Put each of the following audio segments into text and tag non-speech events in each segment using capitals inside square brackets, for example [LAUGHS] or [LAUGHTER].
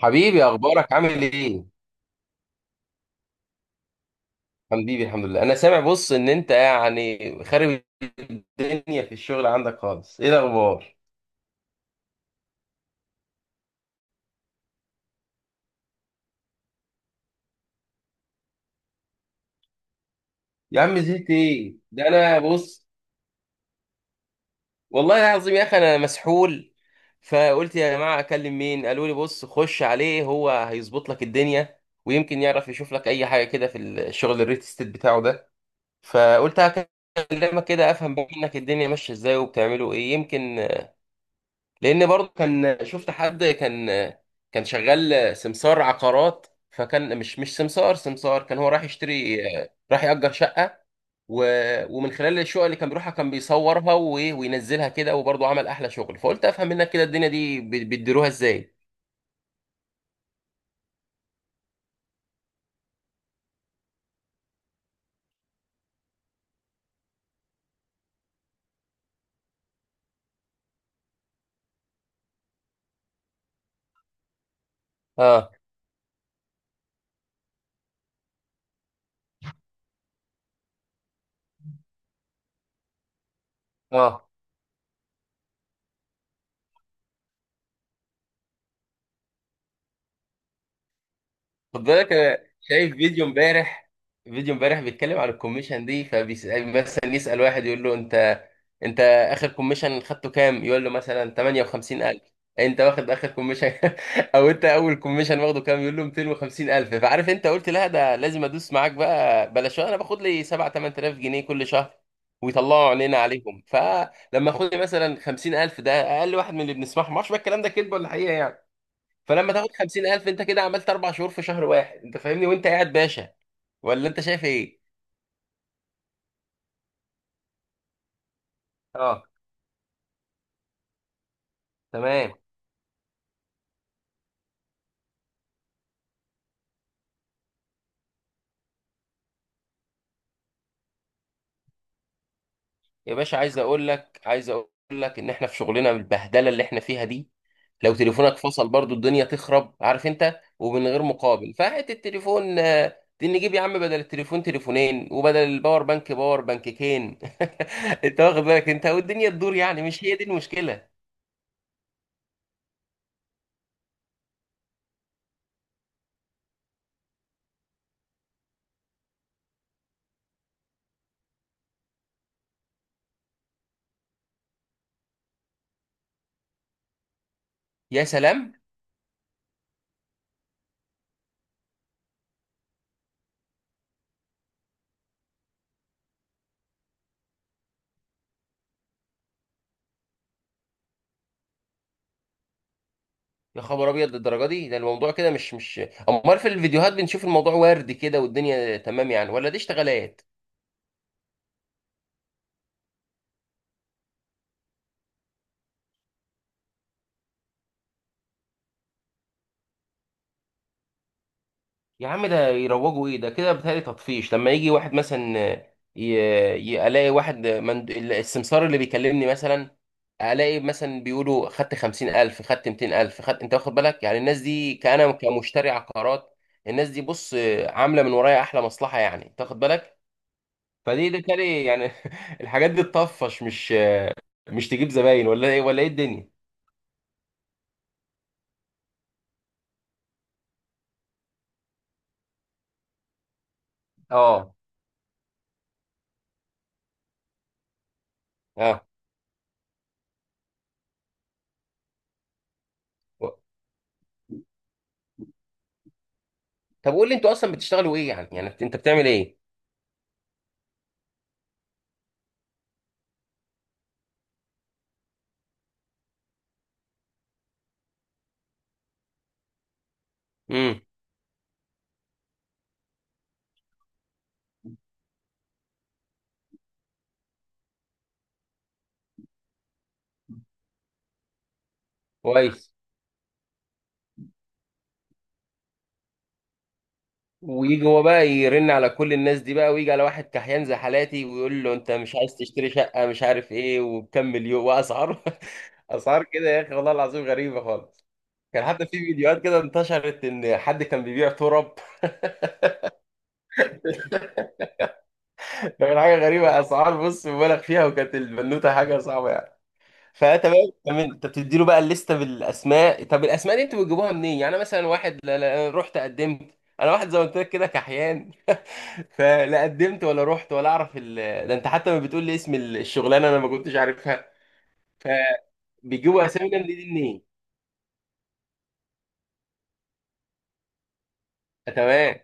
حبيبي، اخبارك عامل ايه؟ حبيبي الحمد لله. انا سامع بص ان انت يعني خارب الدنيا في الشغل عندك خالص. ايه الاخبار؟ يا عم زهقت ايه ده؟ انا بص، والله العظيم يا اخي انا مسحول، فقلت يا جماعه اكلم مين؟ قالوا لي بص خش عليه، هو هيظبط لك الدنيا ويمكن يعرف يشوف لك اي حاجه كده في الشغل الريل استيت بتاعه ده. فقلت هكلمك كده افهم منك الدنيا ماشيه ازاي وبتعملوا ايه، يمكن لان برضه كان شفت حد كان، كان شغال سمسار عقارات. فكان مش سمسار، كان هو راح يشتري، راح يأجر شقة و... ومن خلال الشقق اللي كان بيروحها كان بيصورها وينزلها كده، وبرضه عمل احلى شغل. فقلت افهم منك كده الدنيا دي بيديروها ازاي. اه، اه. خد بالك انا شايف فيديو امبارح، فيديو امبارح بيتكلم عن الكوميشن دي، فبيسأل مثلا، يسأل واحد يقول له: انت اخر كوميشن خدته كام؟ يقول له مثلا 58,000. انت واخد اخر كوميشن؟ [LAUGHS] او انت اول كوميشن واخده كام؟ يقول له 250,000. فعارف انت قلت لا، ده لازم ادوس معاك بقى، بلاش انا باخد لي 7 8,000 جنيه كل شهر ويطلعوا عينينا عليهم. فلما اخد لي مثلا 50,000، ده اقل واحد من اللي بنسمعهم، ما اعرفش بقى الكلام ده كذب ولا حقيقه يعني. فلما تاخد 50,000 انت كده عملت اربع شهور في شهر واحد، انت فاهمني؟ وانت قاعد باشا، ولا انت شايف ايه؟ اه، تمام. يا باشا عايز اقول لك، عايز اقول لك ان احنا في شغلنا بالبهدله اللي احنا فيها دي لو تليفونك فصل برضو الدنيا تخرب، عارف انت، ومن غير مقابل، فهات التليفون آه، دي نجيب يا عم بدل التليفون تليفونين وبدل الباور بانك باور بانككين. [LAUGHS] انت واخد بالك؟ انت والدنيا تدور يعني، مش هي دي المشكله. يا سلام. يا خبر ابيض، للدرجه دي ده الموضوع؟ كده مش، امال في الفيديوهات بنشوف الموضوع وردي كده والدنيا تمام يعني، ولا دي اشتغالات؟ يا عم ده يروجوا ايه؟ ده كده بيتهيألي تطفيش. لما يجي واحد مثلا، ي... الاقي واحد السمسار اللي بيكلمني مثلا، الاقي مثلا بيقولوا خدت 50,000، خدت 200,000، خدت، انت واخد بالك؟ يعني الناس دي كأنا كمشتري عقارات، الناس دي بص عامله من ورايا احلى مصلحه، يعني انت واخد بالك؟ فدي ده كالي يعني. [LAUGHS] الحاجات دي تطفش، مش تجيب زباين، ولا ايه ولا ايه الدنيا؟ اه، اه. و- طب قول لي انتوا اصلا بتشتغلوا ايه يعني؟ يعني انت بتعمل ايه؟ امم. كويس. ويجي هو بقى يرن على كل الناس دي بقى، ويجي على واحد كحيان زي حالاتي ويقول له: انت مش عايز تشتري شقة؟ مش عارف ايه، وبكم مليون، واسعار. [LAUGHS] اسعار كده يا اخي، والله العظيم غريبة خالص. كان حتى في فيديوهات كده انتشرت ان حد كان بيبيع تراب. [LAUGHS] كان حاجة غريبة، اسعار بص مبالغ فيها، وكانت البنوتة حاجة صعبة يعني. فتمام، تمام. انت بتدي له بقى الليسته بالاسماء، طب الاسماء دي انتوا بتجيبوها منين؟ يعني انا مثلا واحد، لا لا، رحت قدمت؟ انا واحد زي ما قلت لك كده كحيان. [LAUGHS] فلا قدمت ولا رحت ولا اعرف ده انت حتى ما بتقول لي اسم الشغلانه انا ما كنتش عارفها. فبيجيبوا اسامي الناس دي منين؟ آه، تمام.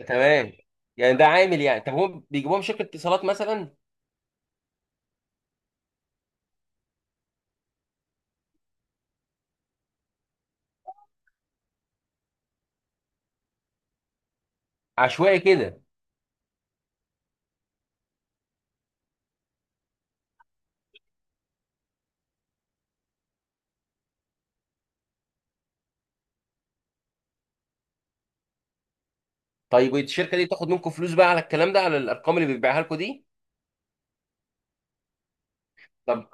آه، تمام. يعني ده عامل يعني، طب هم بيجيبوها من شركه اتصالات مثلا؟ عشوائي كده؟ طيب الشركه دي بتاخد منكم فلوس بقى على الكلام ده، على الارقام اللي بيبيعها لكم دي؟ طب،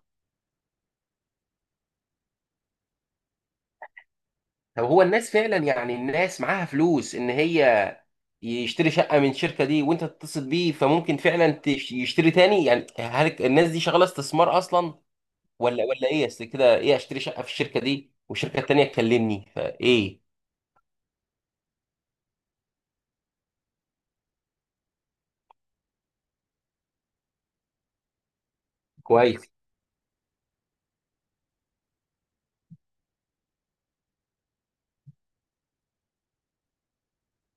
طب هو الناس فعلا يعني الناس معاها فلوس؟ ان هي يشتري شقة من الشركة دي وانت تتصل بيه فممكن فعلا يشتري تاني؟ يعني هل الناس دي شغالة استثمار اصلا، ولا ولا ايه؟ اصل كده ايه اشتري شقة في الشركة دي والشركة التانية تكلمني فايه؟ كويس.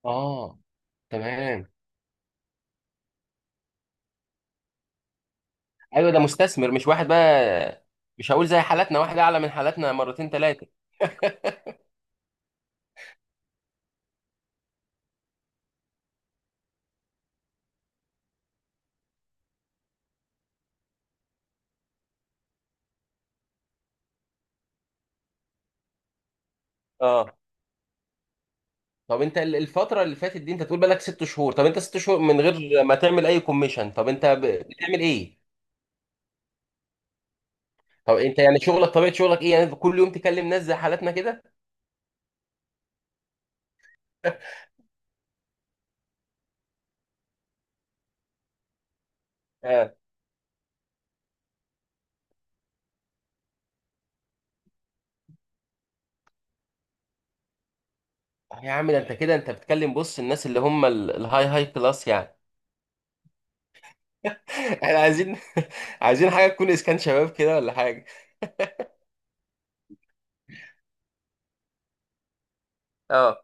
اه، تمام. ايوه، ده مستثمر مش واحد بقى، مش هقول زي حالاتنا، واحد اعلى من حالاتنا مرتين ثلاثة. اه. طب انت الفترة اللي فاتت دي، انت تقول بالك ست شهور، طب انت ست شهور من غير ما تعمل اي كوميشن، طب انت بتعمل ايه؟ طب انت يعني شغلك، طبيعة شغلك ايه؟ يعني كل يوم تكلم ناس زي حالاتنا كده؟ آه. يا عم ده انت كده انت بتكلم بص الناس اللي هم الهاي، هاي كلاس يعني. [LAUGHS] احنا عايزين، [LAUGHS] عايزين حاجه تكون اسكان شباب كده ولا حاجه. اه،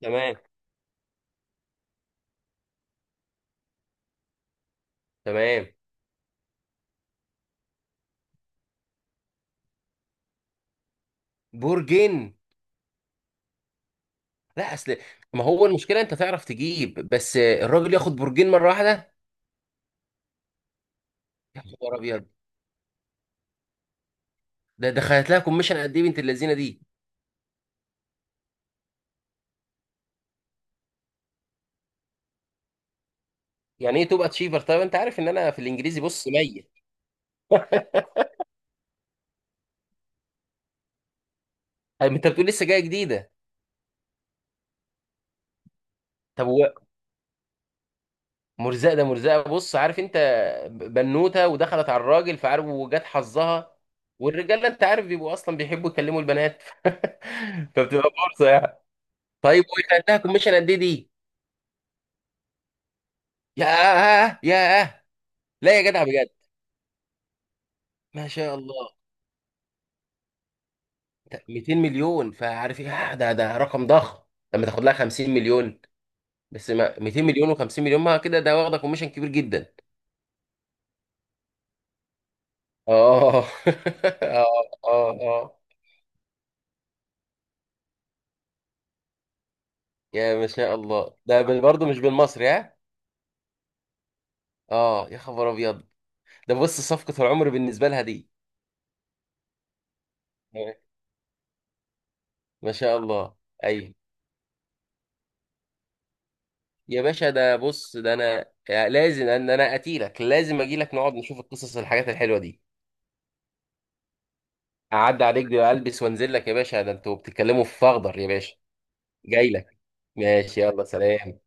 تمام، تمام. برجين؟ لا اصل، ما هو المشكله انت تعرف تجيب، بس الراجل ياخد برجين مره واحده؟ يا خبر ابيض. ده دخلت لها كوميشن قد ايه بنت اللذينه دي؟ يعني ايه تبقى تشيفر؟ طيب انت عارف ان انا في الانجليزي بص ميت. [LAUGHS] طيب انت بتقول لسه جايه جديده؟ طب مرزقه، ده مرزقه، بص عارف انت، بنوته ودخلت على الراجل، فعارف وجات حظها، والرجاله انت عارف بيبقوا اصلا بيحبوا يكلموا البنات. [LAUGHS] فبتبقى فرصه يعني. طيب وخدتها كوميشن قد ايه دي؟ ياه، ياه. لا يا جدع بجد؟ ما شاء الله. 200 مليون، فعارف ايه، آه، ده ده رقم ضخم. لما تاخد لها 50 مليون، بس ما 200 مليون و50 مليون، ما كده ده واخده كوميشن كبير جدا. اه. [LAUGHS] اه، اه، اه. يا ما شاء الله، ده برضه مش بالمصري ها. اه، يا خبر ابيض. ده بص صفقة العمر بالنسبة لها دي. تمام. ما شاء الله. ايوه. يا باشا ده بص، ده انا لازم ان انا اتيلك، لازم اجي لك نقعد نشوف القصص، الحاجات الحلوة دي. اعدي عليك دي، البس وانزل لك يا باشا، ده انتوا بتتكلموا في فخدر يا باشا. جاي لك. ماشي يلا، سلام.